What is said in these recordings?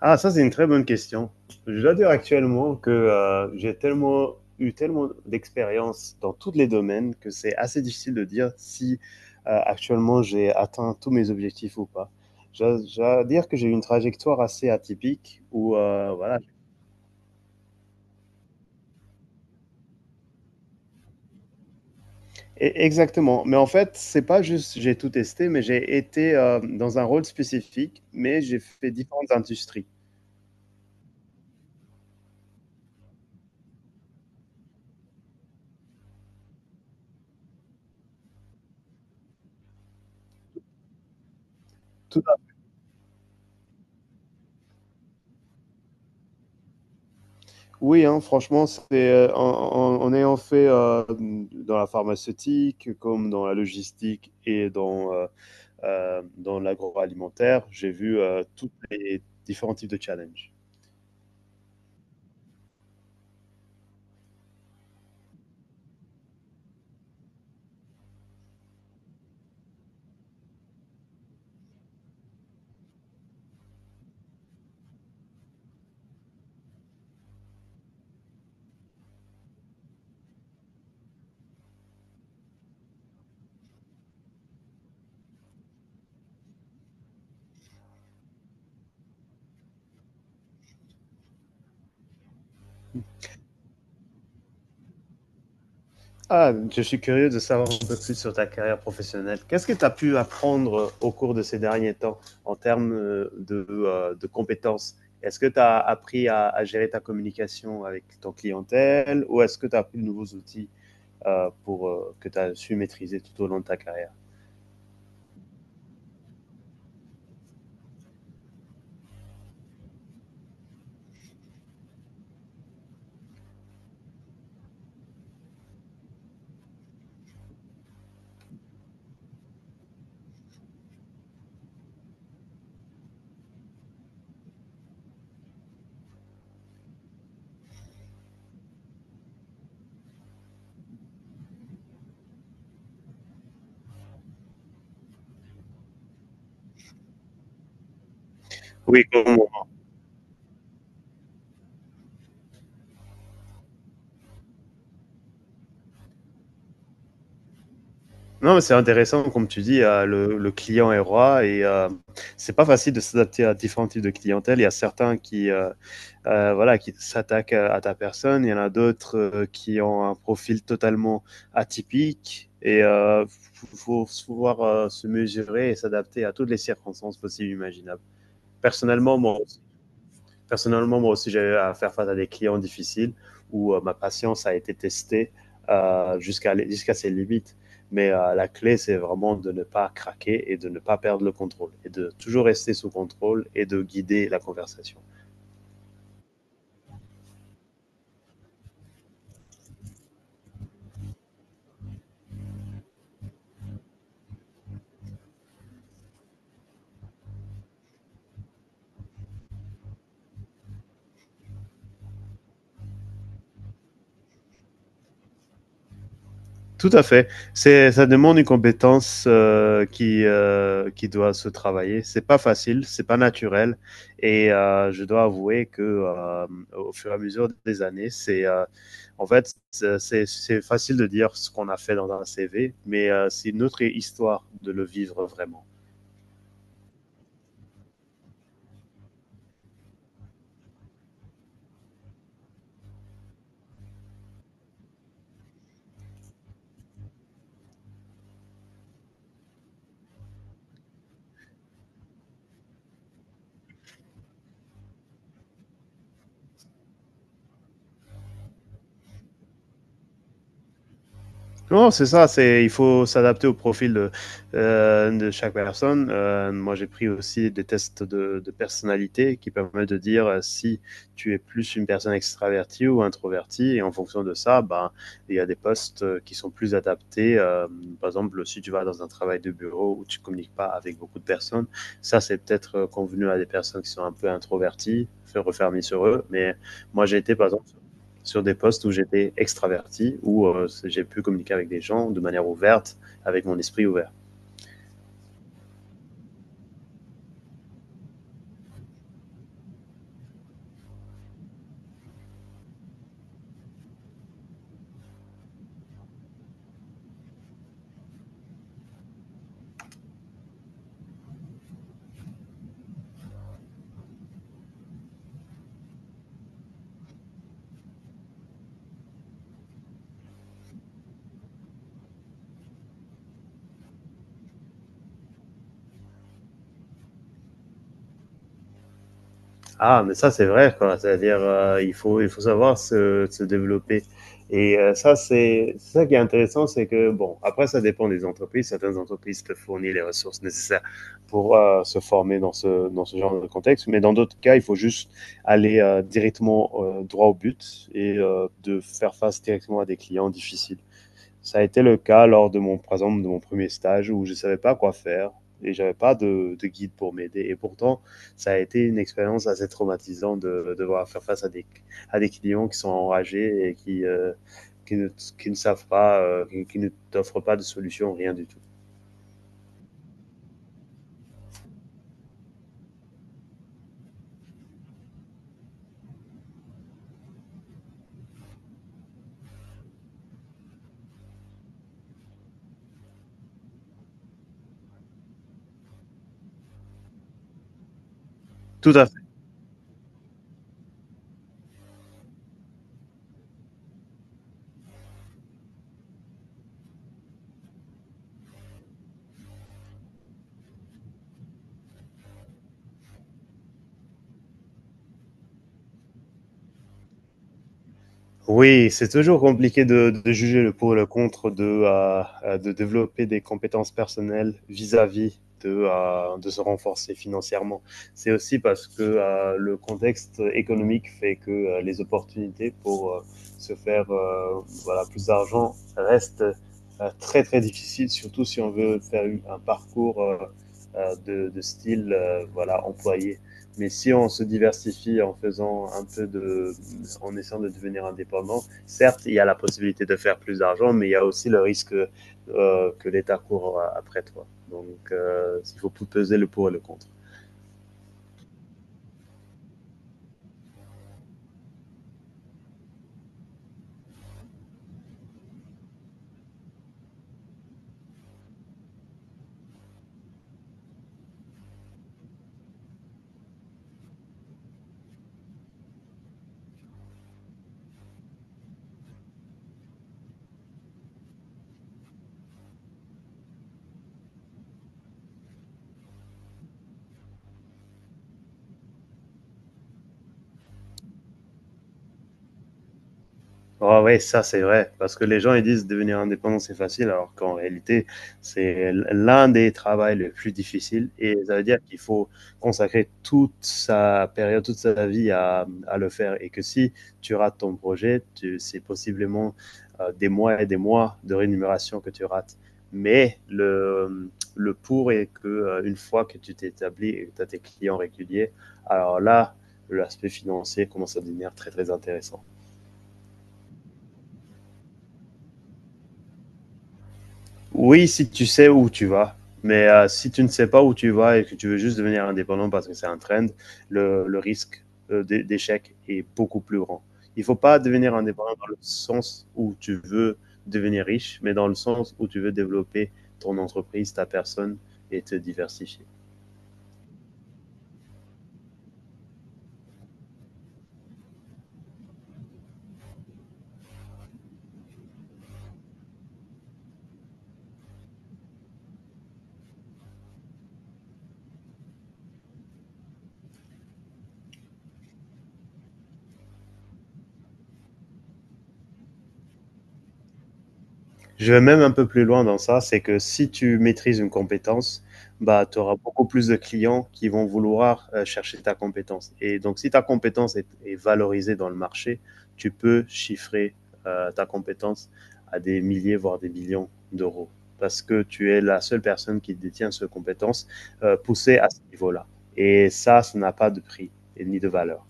Ah, ça, c'est une très bonne question. Je dois dire actuellement que j'ai tellement d'expérience dans tous les domaines que c'est assez difficile de dire si actuellement j'ai atteint tous mes objectifs ou pas. Je dois dire que j'ai eu une trajectoire assez atypique où, voilà. Exactement. Mais en fait, c'est pas juste j'ai tout testé, mais j'ai été dans un rôle spécifique, mais j'ai fait différentes industries. Tout oui, hein, franchement, c'est en ayant fait dans la pharmaceutique, comme dans la logistique et dans l'agroalimentaire, j'ai vu tous les différents types de challenges. Ah, je suis curieux de savoir un peu plus sur ta carrière professionnelle. Qu'est-ce que tu as pu apprendre au cours de ces derniers temps en termes de compétences? Est-ce que tu as appris à gérer ta communication avec ton clientèle ou est-ce que tu as appris de nouveaux outils? Pour que tu as su maîtriser tout au long de ta carrière. Oui. Non, c'est intéressant, comme tu dis, le client est roi et c'est pas facile de s'adapter à différents types de clientèle. Il y a certains qui, voilà, qui s'attaquent à ta personne, il y en a d'autres qui ont un profil totalement atypique et il faut pouvoir se mesurer et s'adapter à toutes les circonstances possibles et imaginables. Personnellement, moi, personnellement, moi aussi, j'ai eu à faire face à des clients difficiles où ma patience a été testée jusqu'à ses limites. Mais la clé, c'est vraiment de ne pas craquer et de ne pas perdre le contrôle et de toujours rester sous contrôle et de guider la conversation. Tout à fait. C'est, ça demande une compétence qui qui doit se travailler. C'est pas facile, c'est pas naturel. Et je dois avouer que au fur et à mesure des années, c'est en fait c'est facile de dire ce qu'on a fait dans un CV, mais c'est notre histoire de le vivre vraiment. Non, c'est ça, c'est, il faut s'adapter au profil de chaque personne. Moi, j'ai pris aussi des tests de personnalité qui permettent de dire si tu es plus une personne extravertie ou introvertie. Et en fonction de ça, ben, il y a des postes qui sont plus adaptés. Par exemple, si tu vas dans un travail de bureau où tu communiques pas avec beaucoup de personnes, ça, c'est peut-être convenu à des personnes qui sont un peu introverties, se refermer sur eux. Mais moi, j'ai été, par exemple, sur des postes où j'étais extraverti, où j'ai pu communiquer avec des gens de manière ouverte, avec mon esprit ouvert. Ah, mais ça c'est vrai, quoi. C'est-à-dire, il faut savoir se développer. Et ça c'est ça qui est intéressant, c'est que bon, après ça dépend des entreprises. Certaines entreprises te fournissent les ressources nécessaires pour se former dans ce genre de contexte, mais dans d'autres cas, il faut juste aller directement droit au but et de faire face directement à des clients difficiles. Ça a été le cas lors de mon, par exemple, de mon premier stage où je ne savais pas quoi faire et j'avais pas de guide pour m'aider. Et pourtant, ça a été une expérience assez traumatisante de devoir faire face à des clients qui sont enragés et qui, ne, qui ne savent pas, qui ne t'offrent pas de solution, rien du tout. Tout à fait. Oui, c'est toujours compliqué de juger le pour et le contre de de développer des compétences personnelles vis-à-vis de de se renforcer financièrement. C'est aussi parce que le contexte économique fait que les opportunités pour se faire voilà, plus d'argent restent très très difficiles, surtout si on veut faire un parcours de style voilà, employé. Mais si on se diversifie en faisant un peu, en essayant de devenir indépendant, certes, il y a la possibilité de faire plus d'argent, mais il y a aussi le risque que l'État court après toi. Donc, il faut peser le pour et le contre. Ah ouais, ça c'est vrai, parce que les gens ils disent devenir indépendant c'est facile, alors qu'en réalité c'est l'un des travaux les plus difficiles et ça veut dire qu'il faut consacrer toute sa période, toute sa vie à le faire et que si tu rates ton projet, tu, c'est possiblement des mois et des mois de rémunération que tu rates. Mais le pour est que une fois que tu t'es établi et que tu as tes clients réguliers, alors là, l'aspect financier commence à devenir très très intéressant. Oui, si tu sais où tu vas. Mais si tu ne sais pas où tu vas et que tu veux juste devenir indépendant parce que c'est un trend, le risque d'échec est beaucoup plus grand. Il ne faut pas devenir indépendant dans le sens où tu veux devenir riche, mais dans le sens où tu veux développer ton entreprise, ta personne et te diversifier. Je vais même un peu plus loin dans ça, c'est que si tu maîtrises une compétence, bah, tu auras beaucoup plus de clients qui vont vouloir chercher ta compétence. Et donc, si ta compétence est valorisée dans le marché, tu peux chiffrer ta compétence à des milliers, voire des millions d'euros, parce que tu es la seule personne qui détient cette compétence poussée à ce niveau-là. Et ça n'a pas de prix et ni de valeur.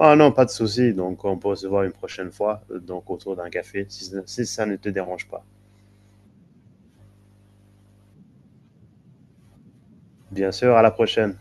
Ah non, pas de souci. Donc, on peut se voir une prochaine fois, donc autour d'un café, si si ça ne te dérange pas. Bien sûr, à la prochaine.